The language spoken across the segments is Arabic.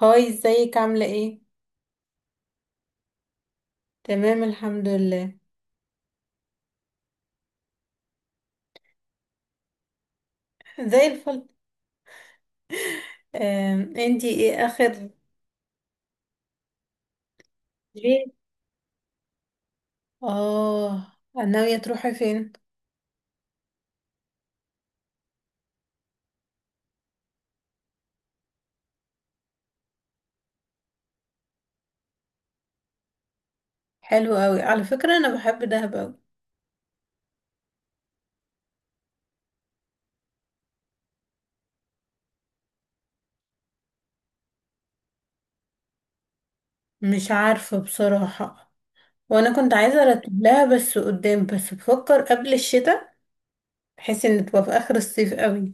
هاي ازيك عاملة ايه؟ تمام الحمد لله. زي الفل. انتي ايه اخر جيت. اه، ناوية تروحي فين؟ حلو قوي، على فكرة انا بحب دهب قوي. مش عارفة بصراحة، وانا كنت عايزة ارتب لها بس قدام، بس بفكر قبل الشتاء، بحيث ان تبقى في اخر الصيف قوي.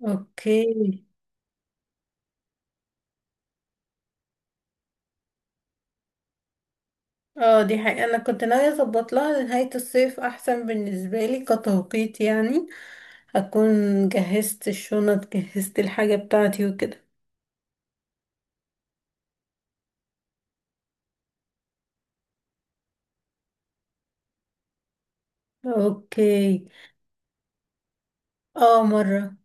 اوكي. اه دي حقيقة، انا كنت ناوية اظبط لها نهاية الصيف، احسن بالنسبة لي كتوقيت يعني. هكون جهزت الشنط، جهزت الحاجة بتاعتي وكده. اوكي. اه مرة.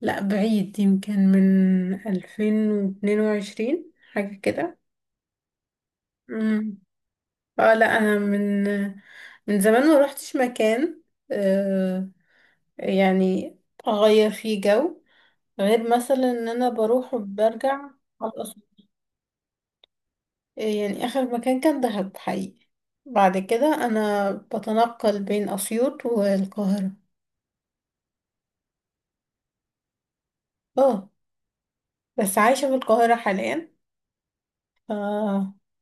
لا بعيد، يمكن من 2022 حاجة كده. مم. اه لا انا من، من زمان ما روحتش مكان. آه يعني اغير فيه جو، غير مثلا ان انا بروح وبرجع. على الأصل يعني اخر مكان كان دهب حقيقي. بعد كده انا بتنقل بين اسيوط والقاهرة. اه بس عايشة في القاهرة حاليا. ف...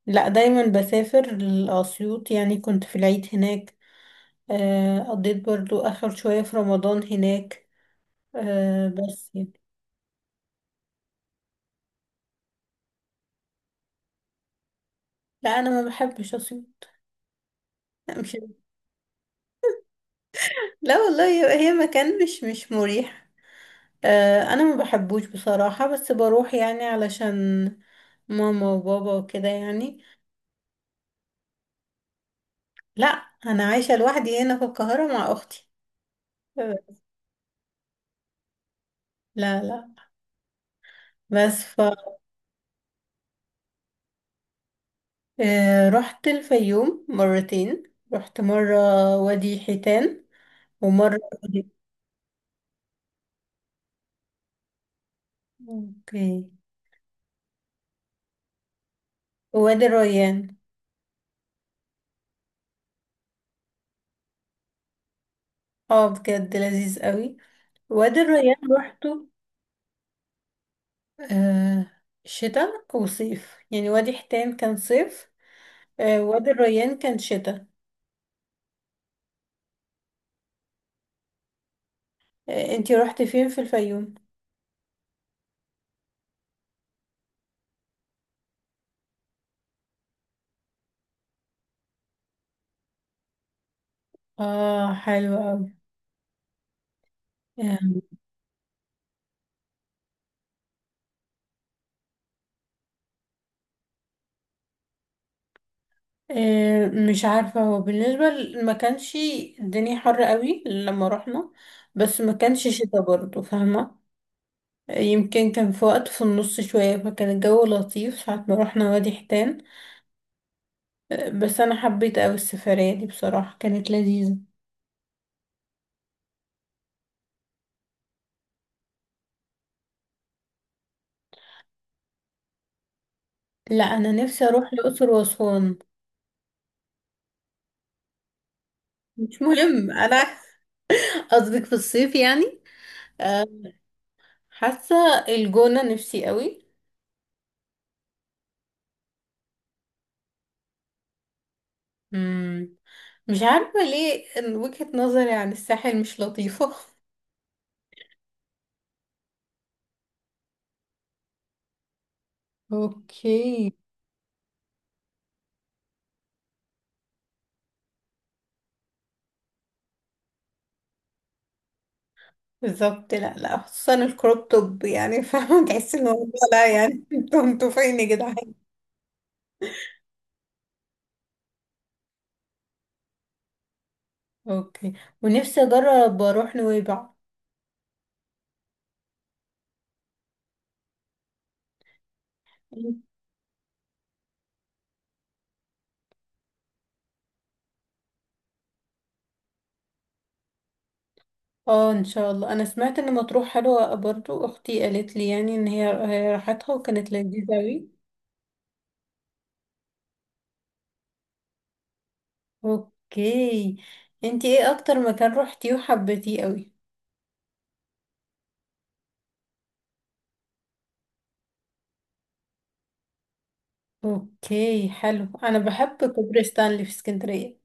لا دايما بسافر لأسيوط، يعني كنت في العيد هناك. آه، قضيت برضو آخر شوية في رمضان هناك. آه، بس يعني. لا أنا ما بحبش أسيوط. لا مش. لا والله هي، هي مكان مش مريح. آه، أنا ما بحبوش بصراحة، بس بروح يعني علشان ماما وبابا وكده يعني. لا أنا عايشة لوحدي هنا في القاهرة مع أختي. آه، لا لا بس. آه، رحت الفيوم مرتين. رحت مرة وادي حيتان ومرة وادي. اوكي. وادي الريان. اه بجد لذيذ قوي، وادي الريان روحته. آه، شتاء وصيف، يعني وادي حيتان كان صيف، آه وادي الريان كان شتاء. آه انتي روحتي فين في الفيوم؟ اه حلو قوي. آه، آه، مش عارفة هو بالنسبة ما كانش الدنيا حر قوي لما رحنا، بس ما كانش شتاء برضه، فاهمة. يمكن كان في وقت في النص شوية، فكان الجو لطيف ساعة ما روحنا وادي حيتان. آه، بس أنا حبيت أوي السفرية دي، بصراحة كانت لذيذة. لا أنا نفسي أروح الأقصر وأسوان. مش مهم أنا. قصدك في الصيف يعني. أه، حاسة الجونة نفسي أوي. مم. مش عارفة ليه إن وجهة نظري عن الساحل مش لطيفة. اوكي. بالظبط، لا لا، خصوصا الكروب توب يعني. فاهمة، تحس ان هو، لا يعني. انتوا فين يا جدعان. اوكي، ونفسي اجرب اروح نويبع. اه ان شاء الله، انا سمعت ان مطروح حلوة برضو، اختي قالت لي يعني ان هي، هي راحتها وكانت لذيذة اوي. اوكي. انتي ايه اكتر مكان روحتيه وحبيتيه اوي؟ اوكي حلو، انا بحب كوبري ستانلي في اسكندرية.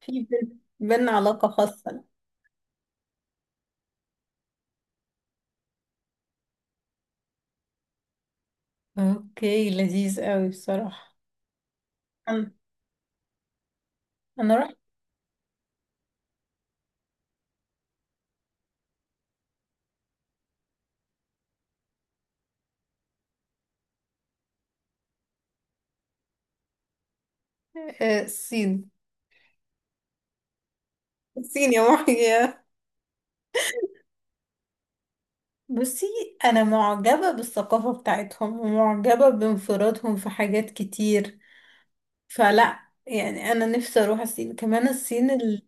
في بينا علاقة خاصة. اوكي لذيذ اوي بصراحة. انا أنا رحت. آه، الصين. الصين يا محيي. بصي، انا معجبة بالثقافة بتاعتهم، ومعجبة بانفرادهم في حاجات كتير. فلا يعني انا نفسي اروح الصين، كمان الصين ال...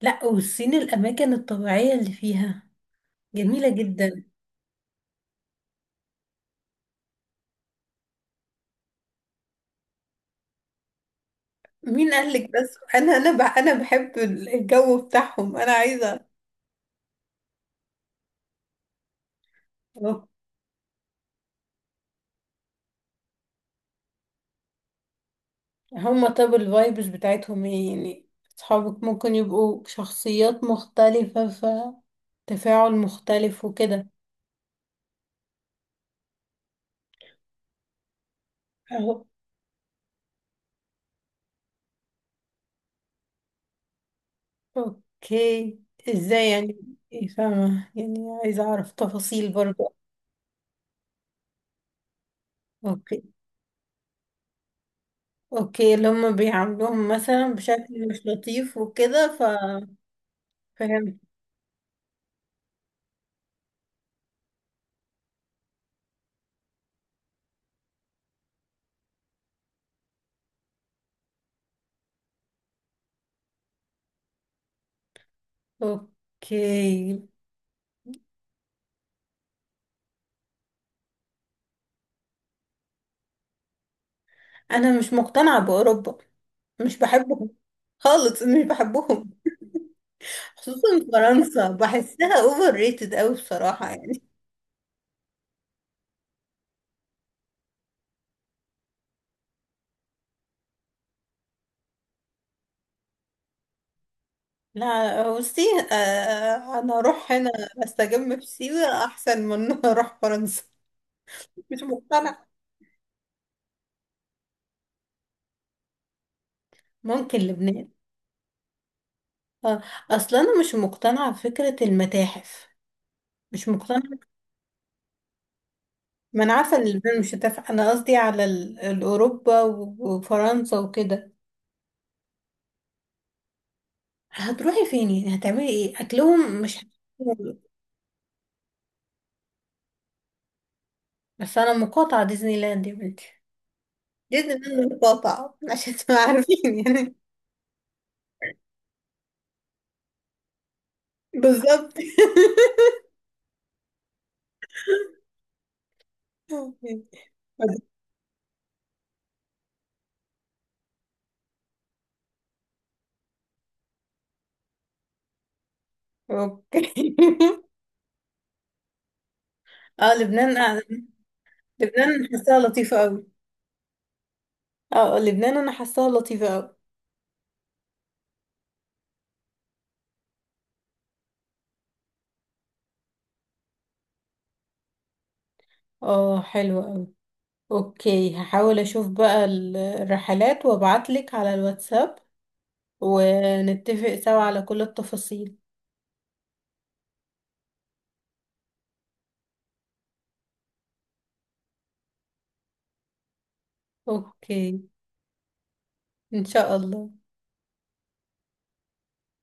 لا، والصين الاماكن الطبيعية اللي فيها جميلة جدا. مين قالك، بس انا، انا بحب الجو بتاعهم، انا عايزة أروح. هما طب الفايبز بتاعتهم ايه يعني؟ اصحابك ممكن يبقوا شخصيات مختلفة، فتفاعل مختلف وكده. اوكي، ازاي يعني؟ إيه فاهمة يعني، عايزة اعرف تفاصيل برضو. اوكي، اوكي، اللي هم بيعاملوهم مثلا بشكل مش لطيف وكده، ف... فهمت. اوكي. انا مش مقتنعة باوروبا، مش بحبهم خالص، مش بحبهم. خصوصا فرنسا، بحسها اوفر ريتد اوي بصراحة يعني. لا بصي، آه، انا اروح هنا، استجم في سيوة احسن من إن أنا اروح فرنسا. مش مقتنعة. ممكن لبنان. اه اصلا انا مش مقتنعه بفكره المتاحف، مش مقتنعه. ما انا عارفه ان اليابان مش هتنفع، انا قصدي على الاوروبا وفرنسا وكده. هتروحي فين يعني، هتعملي ايه، اكلهم مش هت-. بس انا مقاطعه ديزني لاند يا بنتي، ديزني لاند مقاطعه عشان تبقى عارفين يعني. بالظبط. اوكي، اه لبنان. آه، لبنان حاساها لطيفه قوي. اه لبنان انا حاساها لطيفه قوي. اه حلوه. اوكي هحاول اشوف بقى الرحلات، وابعتلك على الواتساب، ونتفق سوا على كل التفاصيل. اوكي ان شاء الله.